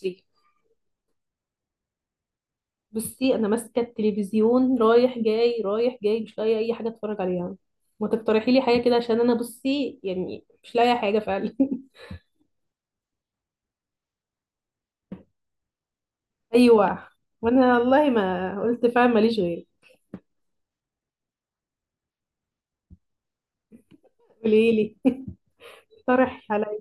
دي، بصي انا ماسكه التلفزيون رايح جاي رايح جاي، مش لاقيه اي حاجه اتفرج عليها. ما تقترحي لي حاجه كده عشان انا بصي يعني مش لاقيه حاجه فعلا. ايوه، وانا والله ما قلت فعلا ماليش غير. قولي لي. اقترحي عليا.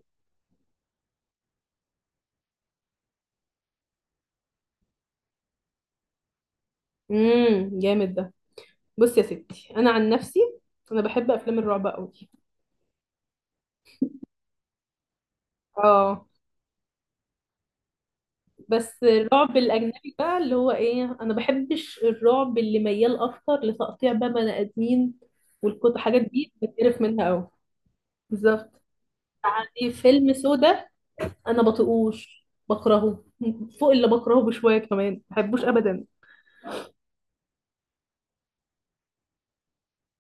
جامد ده. بصي يا ستي، انا عن نفسي انا بحب افلام الرعب قوي. اه، بس الرعب الاجنبي بقى اللي هو ايه، انا بحبش الرعب اللي ميال اكتر لتقطيع بقى بني ادمين والكت حاجات دي، بتقرف منها قوي. بالظبط، يعني فيلم سودا انا بطيقوش، بكرهه فوق اللي بكرهه بشويه كمان، ما بحبوش ابدا.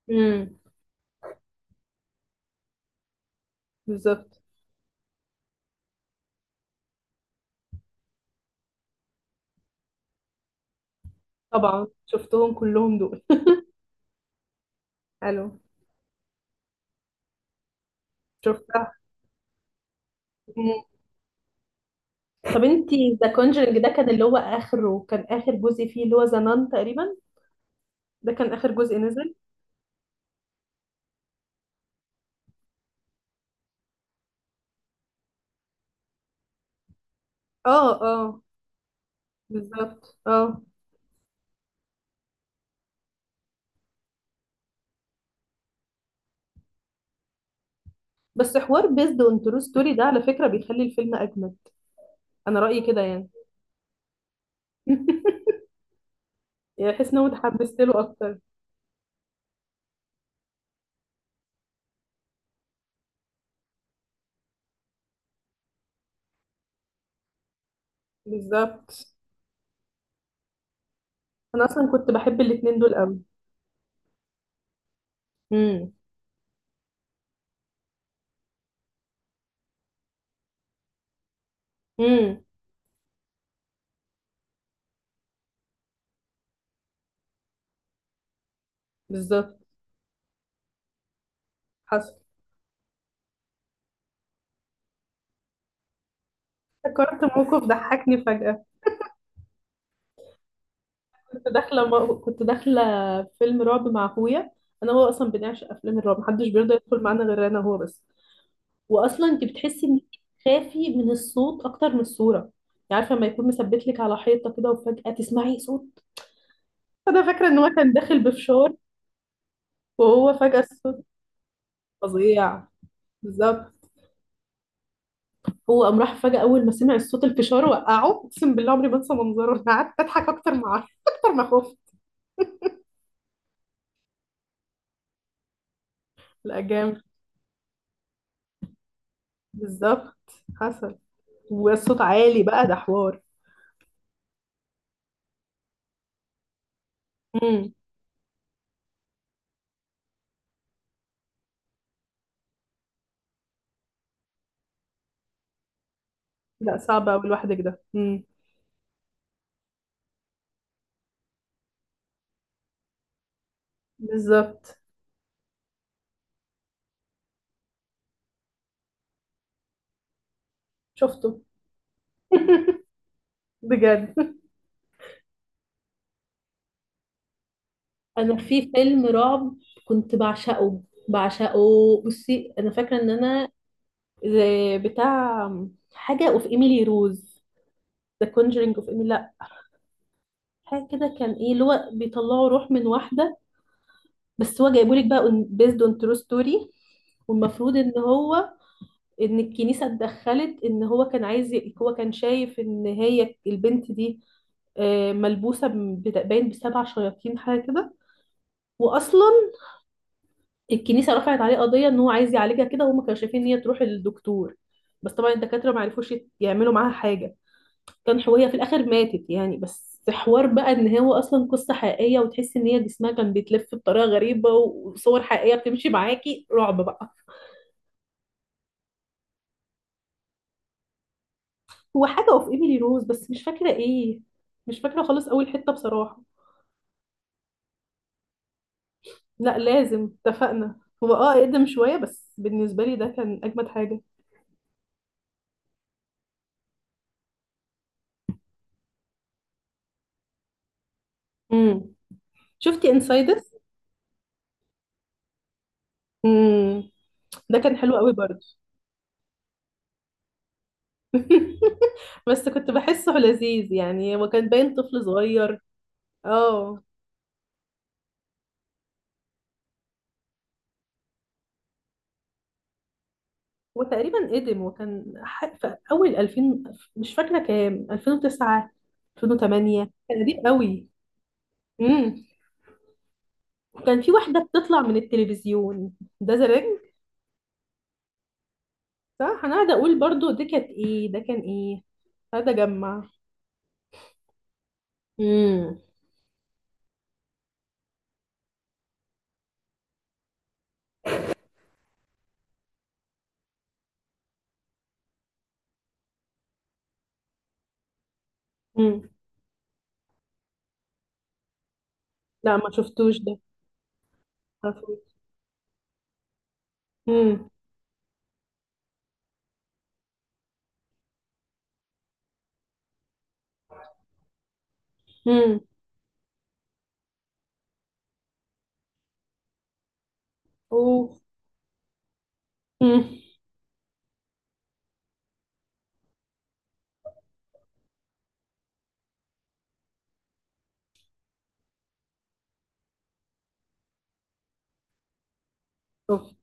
امم بالظبط. طبعا شفتهم كلهم دول. الو. شفتها. مم. طب انتي ذا كونجرينج ده كان اللي هو اخره، كان اخر جزء فيه اللي هو ذا نان تقريبا. ده كان اخر جزء نزل. اه اه، بالظبط اه. بس حوار بيزد اون ترو ستوري ده على فكره بيخلي الفيلم اجمد. انا رايي كده يعني. يعني احس ان انا اتحمست له اكتر. بالظبط، انا اصلا كنت بحب الاتنين دول قوي. امم امم، بالظبط. حصل. افتكرت موقف ضحكني فجأة. كنت داخلة فيلم رعب مع اخويا. انا وهو اصلا بنعشق افلام الرعب، محدش بيرضى يدخل معانا غير انا وهو بس. واصلا انت بتحسي انك خافي من الصوت اكتر من الصورة. يعني عارفة لما يكون مثبت لك على حيطة كده وفجأة تسمعي صوت. انا فاكرة ان هو كان داخل بفشار، وهو فجأة الصوت فظيع. بالظبط. هو قام راح فجأة أول ما سمع صوت الفشار وقعه، أقسم بالله عمري ما أنسى منظره. أنا قعدت أضحك أكتر ما أعرف أكتر ما أخاف. لا جامد، بالظبط. حصل، والصوت عالي بقى ده حوار. امم. لا صعب أوي لوحدك ده. بالظبط. شفته. بجد. انا في فيلم رعب كنت بعشقه، بعشقه. بصي انا فاكره ان انا زي بتاع حاجه اوف ايميلي روز، ذا كونجرينج اوف ايميلي، لا حاجه كده، كان ايه اللي هو بيطلعوا روح من واحده، بس هو جايبولك بقى بيزد اون ترو ستوري. والمفروض ان هو ان الكنيسة اتدخلت، ان هو كان عايز هو كان شايف ان هي البنت دي آه، ملبوسة باين بسبع شياطين حاجة كده. واصلا الكنيسة رفعت عليه قضية ان هو عايز يعالجها كده، وهم كانوا شايفين ان هي تروح للدكتور. بس طبعا الدكاترة ما عرفوش يعملوا معاها حاجة. كان هي في الاخر ماتت يعني، بس حوار بقى ان هو اصلا قصة حقيقية، وتحس ان هي جسمها كان بيتلف بطريقة غريبة، وصور حقيقية بتمشي معاكي، رعب بقى. هو حاجة اوف ايميلي روز بس مش فاكرة ايه، مش فاكرة خالص اول حتة بصراحة. لا لازم اتفقنا، هو اه اقدم شوية بس بالنسبة لي ده كان اجمد حاجة. امم. شفتي انسايدس؟ امم، ده كان حلو قوي برضه. بس كنت بحسه لذيذ يعني، هو كان باين طفل صغير. اه، وتقريبا قدم، في أول 2000، مش فاكرة كام، 2009، 2008، كان قديم قوي. امم، كان في واحدة بتطلع من التلفزيون، ده زرنج. صح، أنا قاعدة أقول برضو دي كانت إيه، ده كان إيه، هذا جمع. امم امم. لا ما شفتوش ده. معرفوش. امم امم. أوف. امم. أوف.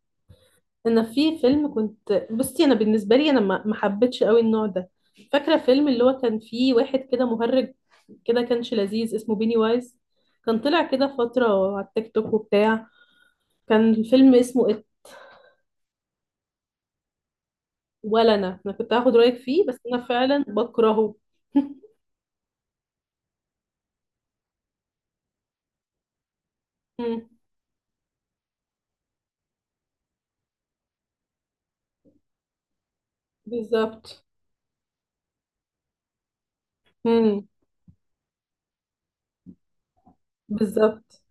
انا في فيلم كنت بصي، انا بالنسبه لي انا ما حبيتش قوي النوع ده. فاكره فيلم اللي هو كان فيه واحد كده مهرج كده، كانش لذيذ، اسمه بيني وايز. كان طلع كده فتره على التيك توك وبتاع. كان الفيلم اسمه إت. ولا انا كنت هاخد رايك فيه بس انا فعلا بكرهه. مم. بالظبط. مم. بالظبط.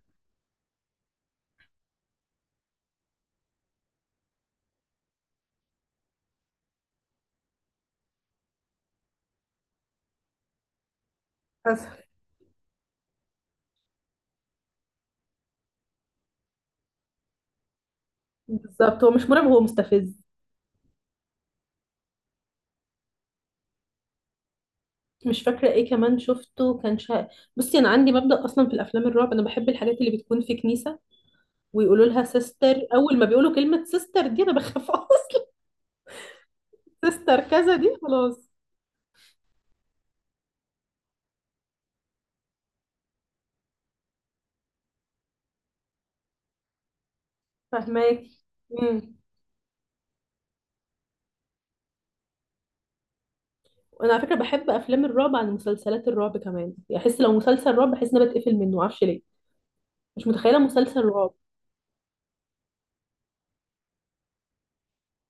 حصل. بالظبط، هو مش مرعب، هو مستفز. مش فاكره ايه كمان شفته كان شا... بصي انا عندي مبدأ اصلا في الافلام الرعب، انا بحب الحاجات اللي بتكون في كنيسه، ويقولوا لها سيستر. اول ما بيقولوا كلمه سيستر دي انا بخاف اصلا. سيستر كذا دي، خلاص. فهماكي. امم. وانا على فكره بحب افلام الرعب عن مسلسلات الرعب كمان، يعني احس لو مسلسل رعب بحس ان انا بتقفل منه، معرفش ليه. مش متخيله مسلسل رعب.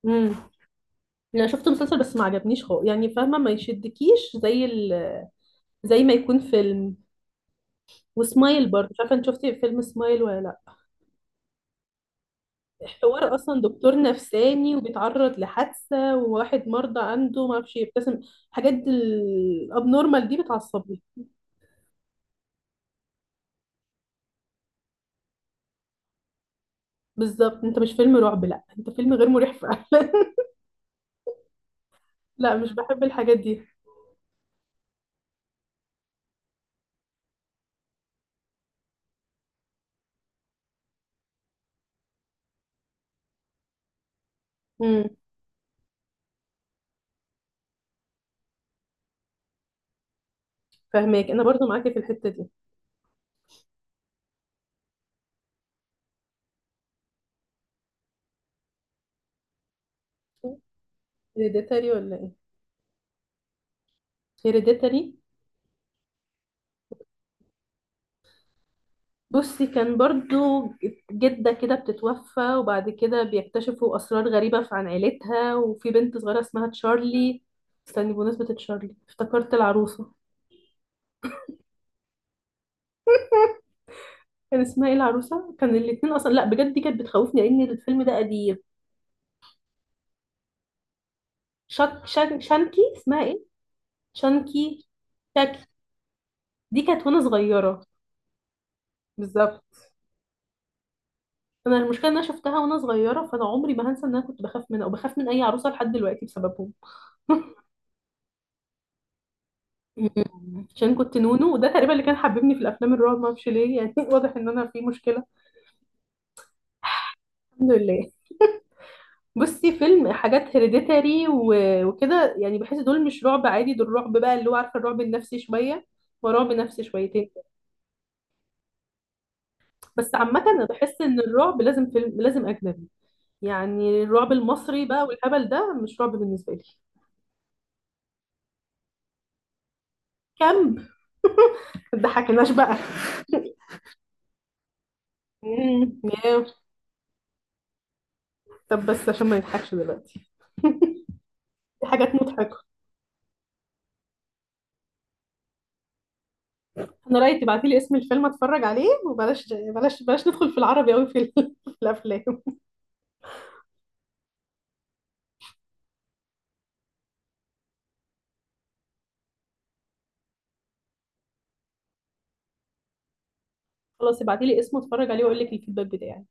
امم، انا شفت مسلسل بس ما عجبنيش خالص، يعني فاهمه ما يشدكيش زي زي ما يكون فيلم. وسمايل برضه، مش عارفه انت شفتي فيلم سمايل ولا لا. حوار اصلا دكتور نفساني وبيتعرض لحادثه، وواحد مرضى عنده ما اعرفش يبتسم. الحاجات الابنورمال دي بتعصبني. بالظبط، انت مش فيلم رعب، لا انت فيلم غير مريح فعلا. لا مش بحب الحاجات دي. امم. فهماك، انا برضو معاكي في الحته دي. هيريديتاري ولا ايه؟ هيريديتاري. بصي كان برضو جدة كده بتتوفى، وبعد كده بيكتشفوا أسرار غريبة عن عيلتها، وفي بنت صغيرة اسمها تشارلي. استني، بمناسبة تشارلي افتكرت العروسة، كان اسمها ايه العروسه، كان الاتنين اصلا، لا بجد دي كانت بتخوفني لان الفيلم ده قديم. شك شان شانكي، اسمها ايه، شانكي، شاكي. دي كانت وانا صغيره. بالظبط. انا المشكله ان انا شفتها وانا صغيره، فانا عمري ما هنسى ان انا كنت بخاف منها وبخاف من اي عروسه لحد دلوقتي بسببهم. مم. عشان كنت نونو، وده تقريبا اللي كان حببني في الافلام الرعب، ما اعرفش ليه يعني. واضح ان انا في مشكله. الحمد لله. بصي فيلم حاجات هيريديتاري وكده، يعني بحس دول مش رعب عادي، دول رعب بقى اللي هو عارفه الرعب النفسي شويه، ورعب نفسي شويتين. بس عامه انا بحس ان الرعب لازم فيلم لازم اجنبي. يعني الرعب المصري بقى والهبل ده مش رعب بالنسبه لي. كامب. ما تضحكناش بقى. مم، ياه. طب بس عشان ما نضحكش دلوقتي، في حاجات مضحكه. انا رايي تبعتي لي اسم الفيلم اتفرج عليه، وبلاش بلاش بلاش ندخل في العربي قوي في في الافلام. خلاص ابعتي لي اسمه اتفرج عليه واقول لك الفيدباك بتاعي.